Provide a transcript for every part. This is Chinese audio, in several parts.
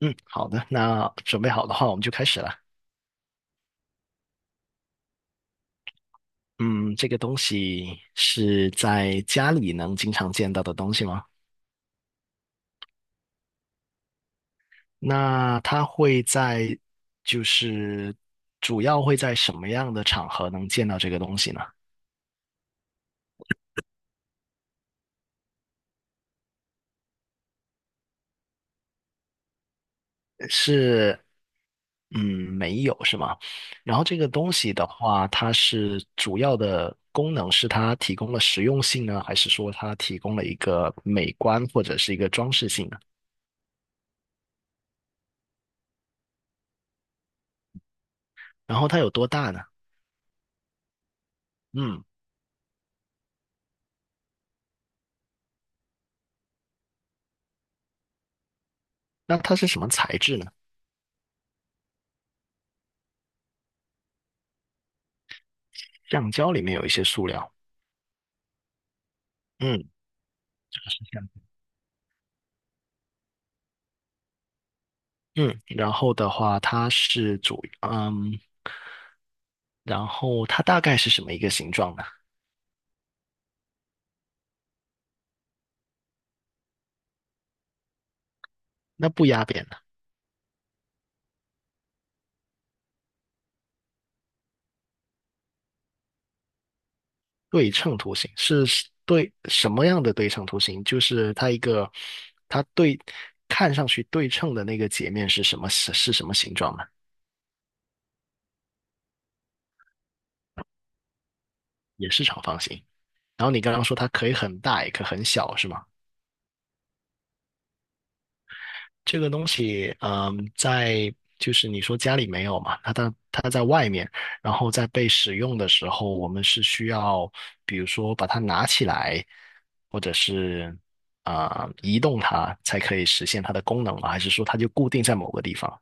嗯，好的，那准备好的话，我们就开始了。嗯，这个东西是在家里能经常见到的东西吗？那它会在，就是主要会在什么样的场合能见到这个东西呢？是，嗯，没有是吗？然后这个东西的话，它是主要的功能是它提供了实用性呢，还是说它提供了一个美观或者是一个装饰性呢？然后它有多大呢？嗯，那它是什么材质呢？橡胶里面有一些塑料，嗯，是这样，嗯，然后的话，它是主，嗯，然后它大概是什么一个形状呢？那不压扁的对称图形是对什么样的对称图形？就是它一个，它对看上去对称的那个截面是什么是什么形状呢？也是长方形。然后你刚刚说它可以很大，也可以很小，是吗？这个东西，在就是你说家里没有嘛，它在外面，然后在被使用的时候，我们是需要，比如说把它拿起来，或者是移动它，才可以实现它的功能吗？还是说它就固定在某个地方，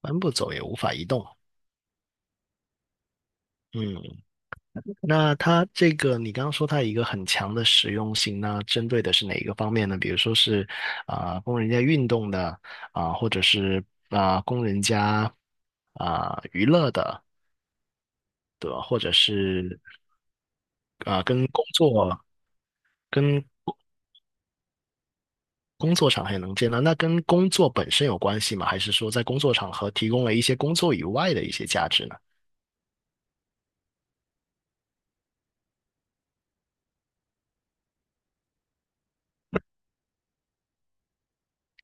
搬不走也无法移动？嗯。那它这个，你刚刚说它有一个很强的实用性，那针对的是哪一个方面呢？比如说是供人家运动的或者是供人家娱乐的，对吧？或者是跟工作跟工作场合也能见到，那跟工作本身有关系吗？还是说在工作场合提供了一些工作以外的一些价值呢？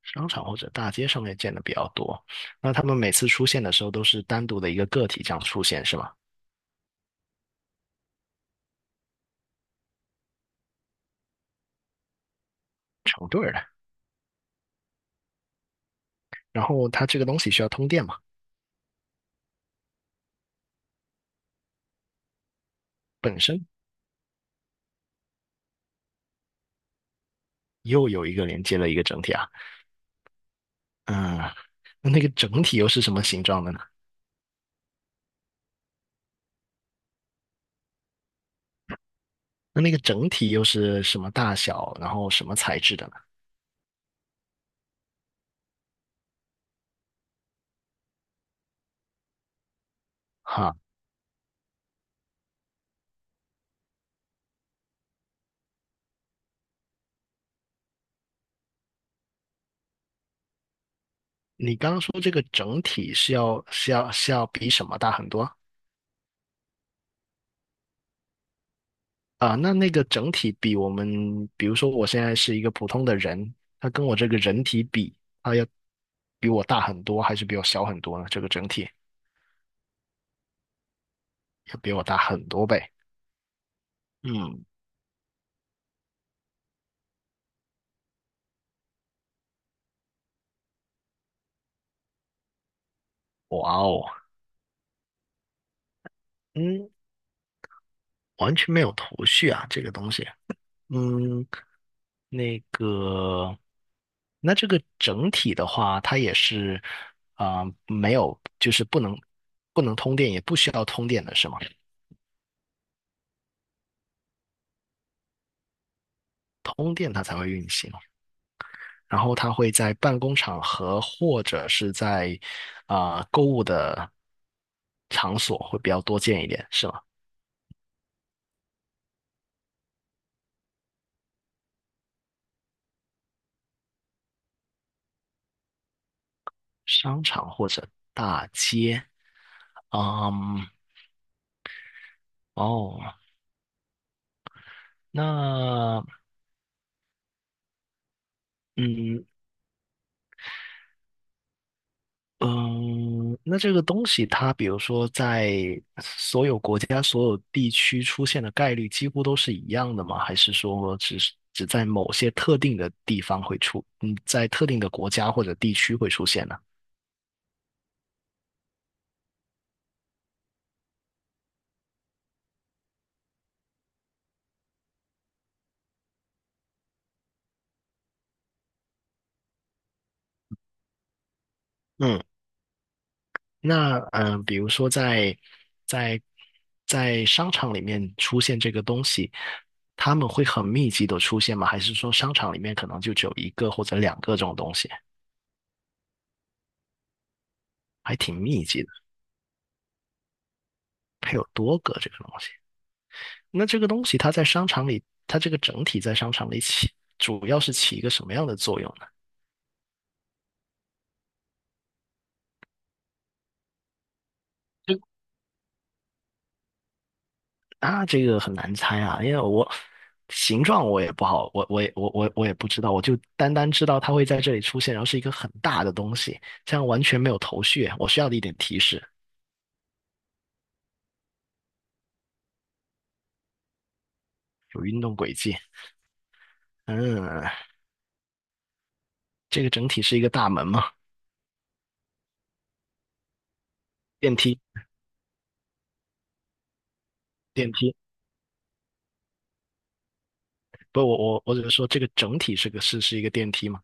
商场或者大街上面见的比较多，那他们每次出现的时候都是单独的一个个体这样出现，是吗？成对儿的。然后它这个东西需要通电嘛，本身又有一个连接了一个整体啊，嗯，那那个整体又是什么形状的呢？那那个整体又是什么大小，然后什么材质的呢？哈，你刚刚说这个整体是要是要是要比什么大很多？啊？那那个整体比我们，比如说我现在是一个普通的人，他跟我这个人体比，他要比我大很多，还是比我小很多呢？这个整体要比我大很多倍。嗯，哇哦，嗯，完全没有头绪啊，这个东西。嗯，那个，那这个整体的话，它也是没有，就是不能通电，也不需要通电的是吗？通电它才会运行，然后它会在办公场合或者是在购物的场所会比较多见一点，是吗？商场或者大街，嗯，哦。那嗯，嗯，那这个东西它，比如说在所有国家、所有地区出现的概率几乎都是一样的吗？还是说只是只在某些特定的地方会出，嗯，在特定的国家或者地区会出现呢？嗯，那比如说在在在商场里面出现这个东西，他们会很密集的出现吗？还是说商场里面可能就只有一个或者两个这种东西，还挺密集的，还有多个这个东西？那这个东西它在商场里，它这个整体在商场里起，主要是起一个什么样的作用呢？啊，这个很难猜啊，因为我形状我也不好，我也不知道，我就单单知道它会在这里出现，然后是一个很大的东西，这样完全没有头绪啊。我需要的一点提示，有运动轨迹。嗯，这个整体是一个大门吗？电梯，电梯。不，我只是说这个整体是个是是一个电梯吗？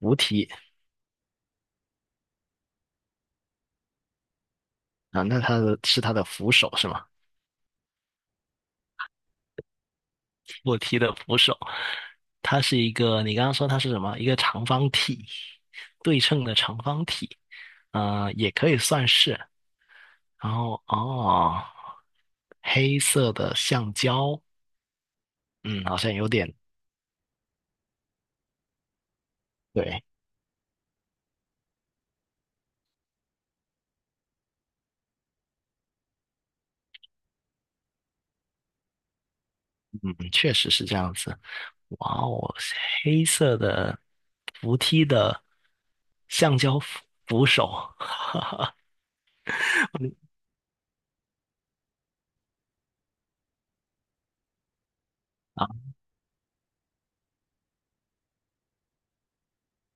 扶梯啊，那它的是它的扶手是吗？扶梯的扶手，它是一个，你刚刚说它是什么？一个长方体，对称的长方体，也可以算是。然后哦，黑色的橡胶，嗯，好像有点对，嗯，确实是这样子。哇哦，黑色的扶梯的橡胶扶手啊，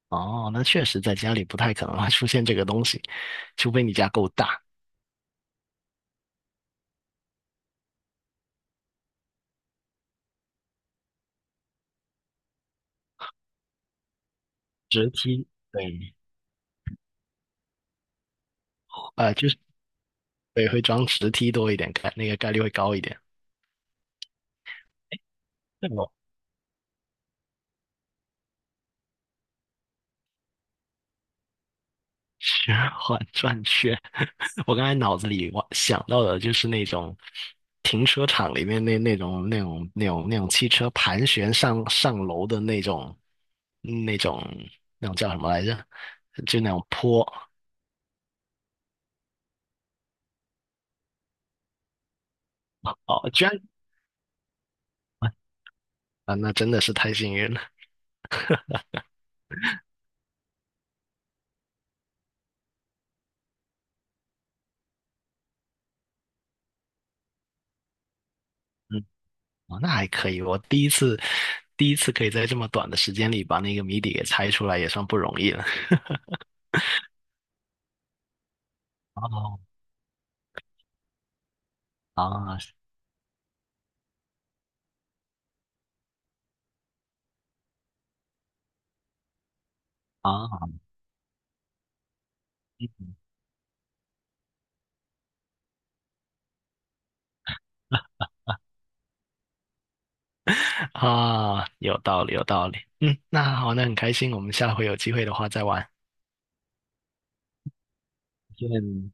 哦，那确实在家里不太可能会出现这个东西，除非你家够大，直梯。对，呃，就是对，会装直梯多一点，那个概率会高一点。哦，循环转圈，我刚才脑子里我想到的就是那种停车场里面那种汽车盘旋上楼的那种那种那种叫什么来着？就那种坡哦，居然啊，那真的是太幸运了。嗯，哦，那还可以，我第一次可以在这么短的时间里把那个谜底给猜出来，也算不容易了。哦，啊啊，嗯 啊，有道理，有道理。嗯，那好，那很开心，我们下回有机会的话再玩。再见。